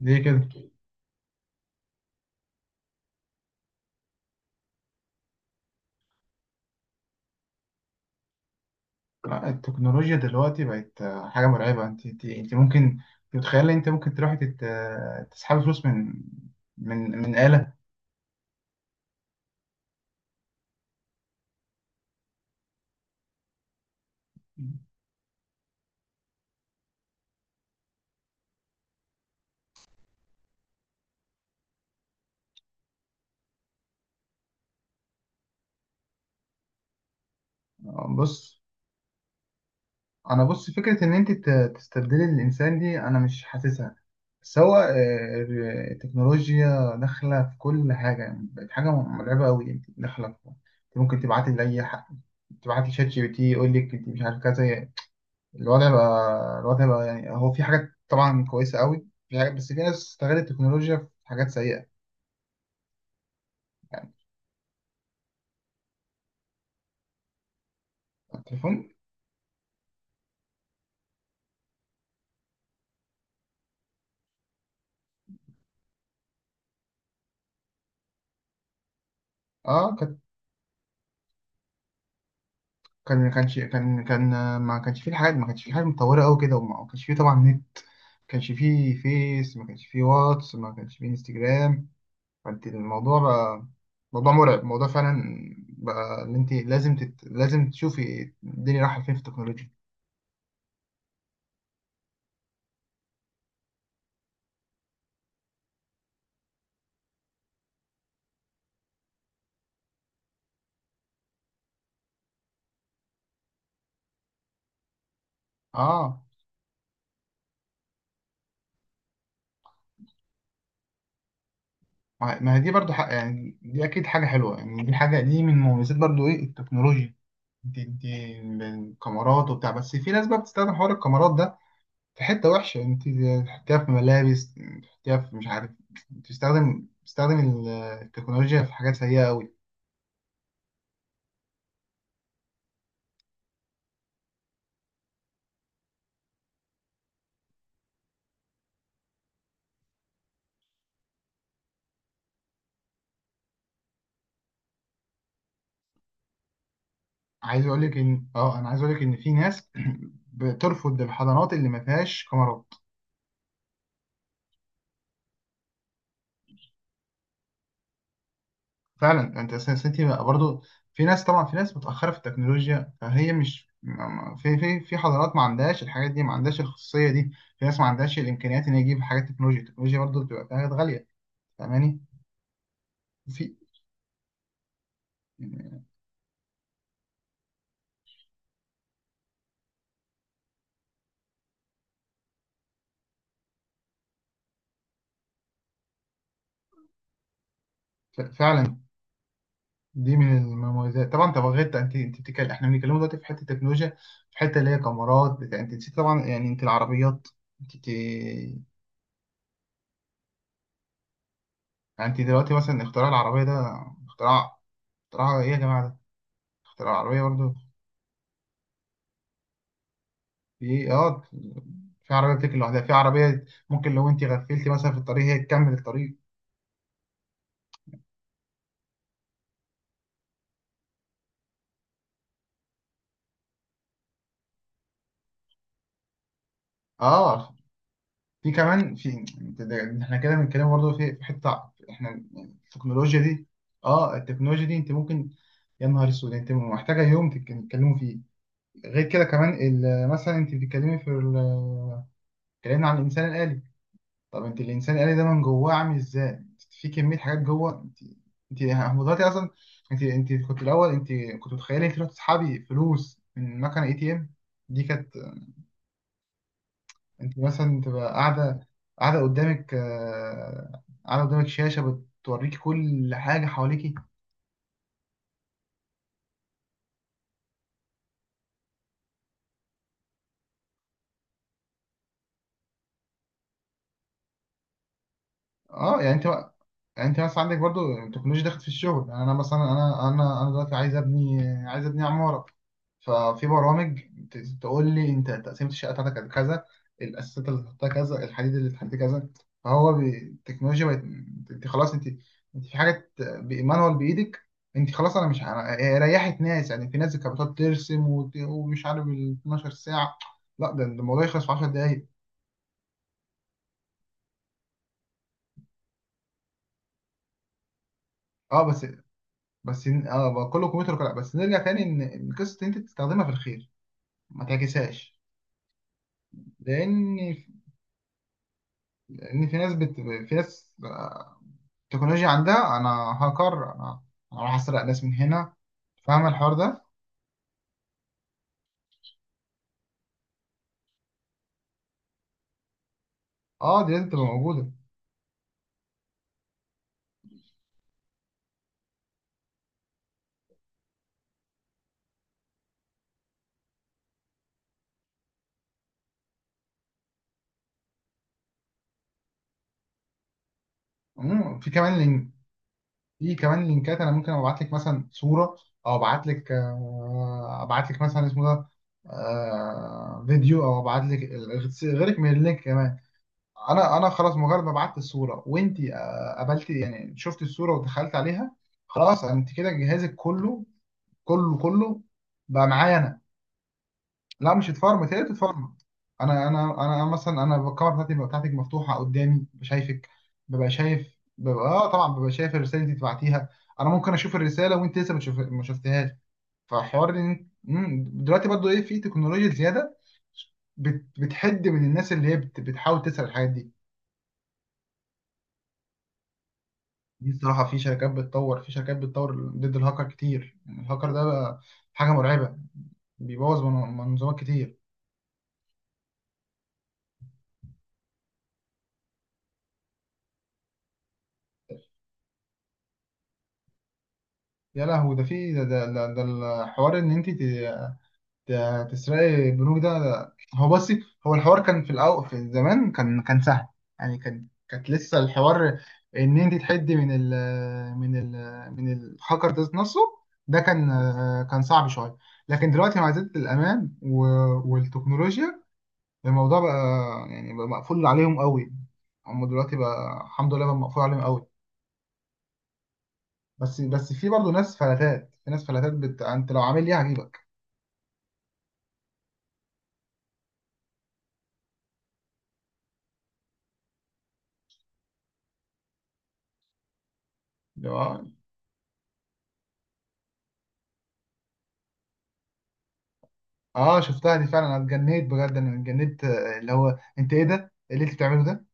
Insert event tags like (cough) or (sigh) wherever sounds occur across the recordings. ليه كده؟ لا، التكنولوجيا دلوقتي بقت حاجة مرعبة. انت ممكن تتخيل، انت ممكن تروحي تت... آه، تسحبي فلوس من من آلة. بص، انا بص فكرة ان انت تستبدلي الانسان دي انا مش حاسسها. بس هو التكنولوجيا داخلة في كل حاجة، يعني بقت حاجة مرعبة قوي. انت داخلة في، انت ممكن تبعتي لأي حد، تبعتي شات جي بي تي يقول لك انت مش عارف كذا. الوضع بقى، يعني هو في حاجات طبعا كويسة قوي، في حاجات، بس في ناس استغلت التكنولوجيا في حاجات سيئة. يعني التليفون، اه كان، كان ما كانش فيه الحاجات، ما كانش فيه حاجة متطورة قوي كده، وما كانش فيه طبعا نت، ما كانش فيه فيس، ما كانش فيه واتس، ما كانش فيه انستجرام. فانت الموضوع بقى موضوع مرعب، موضوع فعلا بقى ان انت لازم لازم تشوفي الدنيا رايحة فين في التكنولوجيا. اه، ما هي دي برضو حق، يعني دي اكيد حاجه حلوه، يعني دي حاجه دي من مميزات برضو ايه التكنولوجيا. دي الكاميرات وبتاع، بس في ناس بقى بتستخدم حوار الكاميرات ده في حته وحشه. انت تحطيها في ملابس، تحطيها في مش عارف، تستخدم التكنولوجيا في حاجات سيئه قوي. عايز اقول لك ان اه، عايز اقول لك ان في ناس (clears throat) بترفض الحضانات اللي ما فيهاش كاميرات. فعلا انت انت بقى برضو، في ناس طبعا، في ناس متاخره في التكنولوجيا، فهي مش في في حضارات ما عندهاش الحاجات دي، ما عندهاش الخصوصيه دي. في ناس ما عندهاش الامكانيات ان هي تجيب حاجات تكنولوجيا، التكنولوجيا برضو بتبقى حاجات غاليه، فاهماني؟ في فعلا دي من المميزات طبعا. طب غير، انت بتتكلم، احنا بنتكلم دلوقتي في حته تكنولوجيا، في حته اللي هي كاميرات بتاع انت نسيت طبعا يعني انت العربيات. انت يعني، انت دلوقتي مثلا اختراع العربيه ده، اختراع اختراع ايه يا جماعه ده، اختراع العربيه برضو. في اه، في عربية بتجري لوحدها، في عربية ممكن لو انت غفلتي مثلا في الطريق هي تكمل الطريق. اه، في كمان، في احنا كده بنتكلم برضه في حتة، احنا يعني التكنولوجيا دي. اه التكنولوجيا دي انت ممكن، يا نهار اسود، انت محتاجة يوم تتكلموا فيه. غير كده كمان مثلا انت بتتكلمي في اتكلمنا عن الانسان الآلي. طب انت الانسان الالي ده من جواه عامل ازاي؟ انت في كميه حاجات جوه. انت هو دلوقتي اصلا، انت كنت الاول انت كنت متخيله انت تروح تسحبي فلوس من مكنه اي تي ام، دي كانت. انت مثلا تبقى قاعده، قدامك قاعده قدامك شاشه بتوريكي كل حاجه حواليكي. اه يعني انت، يعني انت مثلا عندك برضو التكنولوجيا دخلت في الشغل. يعني انا مثلا انا دلوقتي عايز ابني، عايز ابني عماره. ففي برامج تقول لي انت تقسيمه الشقه بتاعتك كذا، الاساسات اللي هتحطها كذا، الحديد اللي هتحط كذا. فهو التكنولوجيا بقت، انت خلاص، انت في حاجه مانوال بايدك. انت خلاص، انا مش هي ريحت ناس. يعني في ناس كانت بتقعد ترسم ومش عارف ال 12 ساعه. لا ده ده الموضوع يخلص في 10 دقائق. اه بس، بقى كله كمبيوتر بس نرجع تاني ان إن قصه إن انت تستخدمها في الخير، ما تعكسهاش. لان، لان في ناس بت... في ناس تكنولوجيا عندها، انا هاكر، انا راح اسرق ناس من هنا. فاهم الحوار ده؟ اه دي لازم تبقى موجوده. في كمان لينك، في كمان لينكات. انا ممكن ابعت لك مثلا صوره، او ابعت لك ابعت لك مثلا اسمه ده فيديو، او ابعت لك غيرك من اللينك كمان. انا خلاص مجرد ما بعت الصوره، وانت قبلتي يعني شفت الصوره ودخلت عليها، خلاص انت كده جهازك كله، كله بقى معايا انا. لا مش اتفرمت، هي اتفرمت. انا انا مثلا، انا الكاميرا بتاعتي بتاعتك مفتوحه قدامي شايفك، ببقى شايف، ببقى اه طبعا ببقى شايف الرساله اللي انت بعتيها. انا ممكن اشوف الرساله وانت لسه ما شفتهاش. فحوار دلوقتي برضو ايه في تكنولوجيا زياده بتحد من الناس اللي هي بتحاول تسأل الحاجات دي. دي الصراحة، في شركات بتطور، في شركات بتطور ضد الهاكر كتير. يعني الهاكر ده بقى حاجة مرعبة، بيبوظ منظومات كتير. يا لهوي، ده في ده، ده الحوار ان انت تسرقي بنوك ده. هو بصي، هو الحوار كان في الأول، في زمان كان، سهل. يعني كانت لسه الحوار ان انت تحدي من ال من ال من الهاكر ده نفسه. ده كان، كان صعب شوية. لكن دلوقتي مع زيادة الأمان والتكنولوجيا، الموضوع بقى، يعني بقى مقفول عليهم قوي. هم دلوقتي بقى الحمد لله بقى مقفول عليهم قوي. بس بس في برضه ناس فلاتات، في ناس فلاتات انت لو عامل ليه هجيبك. اللي هو- اه شفتها دي فعلا، انا اتجنيت بجد، انا اتجنيت اللي هو انت ايه ده؟ ايه اللي انت بتعمله ده؟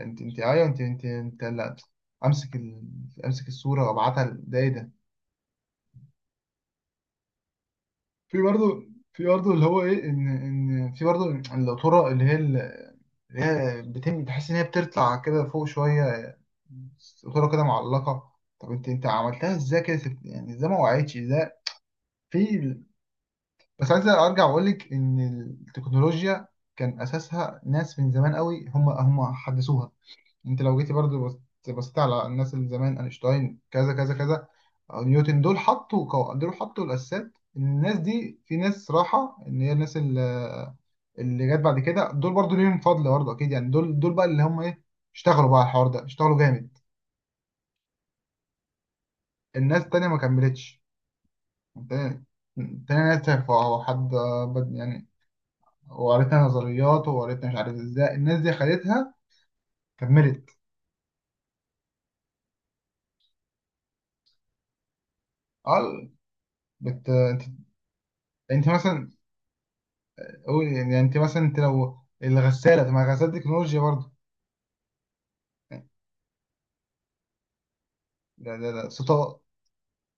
انت، انت لا، امسك امسك الصوره وابعتها ده ايه ده؟ في برضه، اللي هو ايه ان ان في برضه الطرق اللي هي اللي هي بتم تحس ان هي بتطلع كده فوق شويه، الصورة كده معلقة. طب انت، عملتها ازاي كده يعني ازاي ما وقعتش، ازاي في؟ بس عايز ارجع واقول لك ان التكنولوجيا كان اساسها ناس من زمان قوي، هم حدثوها. انت لو جيتي برضو بصيت على الناس اللي زمان، اينشتاين كذا كذا كذا، أو نيوتن، دول حطوا دول حطوا الاساسات. الناس دي في ناس راحة ان هي الناس اللي، اللي جت بعد كده دول برضو ليهم فضل برضو اكيد، يعني دول، بقى اللي هم ايه، اشتغلوا بقى على الحوار ده، اشتغلوا جامد. الناس التانية ما كملتش. التاني، التاني نزل فهو حد بد يعني. وقريتها نظريات وقريتها، مش عارف ازاي الناس دي خدتها كملت. اه انت، انت مثلا قول، يعني انت مثلا انت لو الغسالة، طب ما الغسالة دي تكنولوجيا برضه. لا لا لا، ستارة،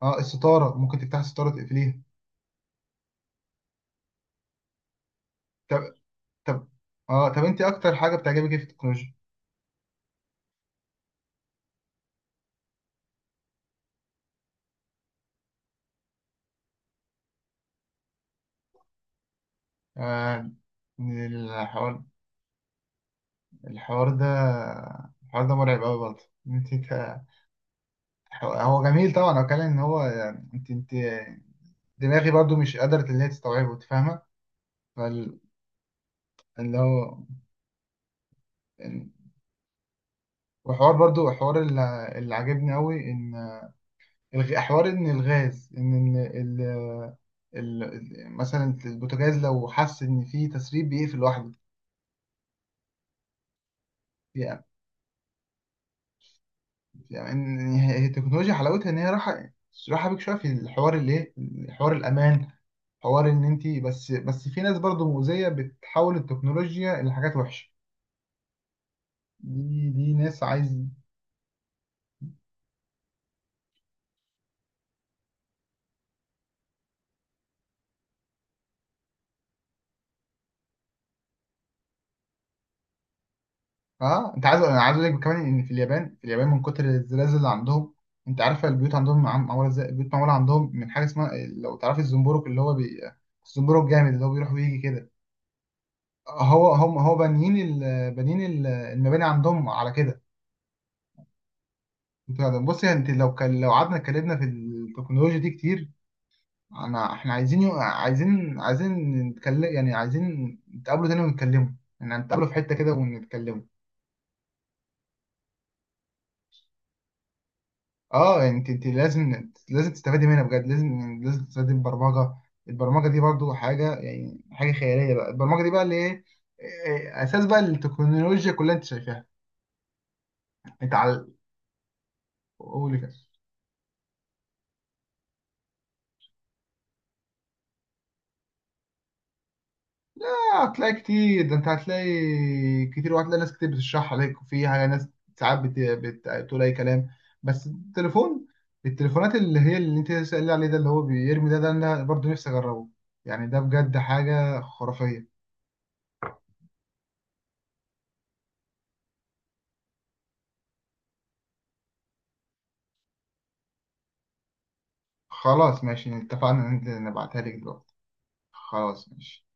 اه الستارة ممكن تفتح الستارة تقفليها. طب، طب، اه طب انت اكتر حاجة بتعجبك ايه في التكنولوجيا؟ آه، الحوار، الحوار ده الحوار ده مرعب قوي برضه. انت هو جميل طبعا. هو كان ان هو يعني، انت دماغي برضو مش قدرت ان هي تستوعبه. انت فاهمه؟ فاللي هو إن- وحوار برضو، حوار اللي عجبني قوي ان حوار ان الغاز ان إن مثلا البوتاجاز لو حس ان في تسريب بيقفل لوحده. يعني، يعني ان هي، هي التكنولوجيا حلاوتها ان هي راحه، بيك شويه في الحوار اللي ايه، حوار الامان، حوار ان انت، بس بس في ناس برضو مؤذيه بتحول التكنولوجيا لحاجات وحشه. دي ناس عايز، اه انت عايز، انا عايز اقول لك كمان ان في اليابان، من كتر الزلازل اللي عندهم، انت عارفه البيوت عندهم معموله ازاي؟ البيوت معموله عندهم من حاجه اسمها، لو تعرفي، الزنبرك اللي هو الزنبرك الجامد اللي هو بيروح ويجي كده. هو، هو بانيين بانيين المباني عندهم على كده. انت بصي، انت لو كان، لو قعدنا اتكلمنا في التكنولوجيا دي كتير، انا، احنا عايزين عايزين نتكلم. يعني عايزين نتقابلوا تاني ونتكلموا، يعني نتقابلوا في حته كده ونتكلموا. اه يعني انت، انت لازم تستفادي منها بجد، لازم تستفادي من البرمجه. البرمجه دي برضو حاجه يعني حاجه خياليه بقى. البرمجه دي بقى اللي ايه، اساس بقى التكنولوجيا كلها. انت شايفاها انت على، قول كده. لا، هتلاقي كتير ده، انت هتلاقي كتير، وهتلاقي ناس كتير بتشرح عليك. وفي حاجه، ناس ساعات بتقول اي كلام. بس التليفون، التليفونات اللي هي اللي انت سألني عليه ده اللي هو بيرمي ده، ده انا برضو نفسي اجربه. يعني ده بجد حاجه خرافيه. خلاص ماشي، اتفقنا ان انت نبعتها لك دلوقتي. خلاص ماشي.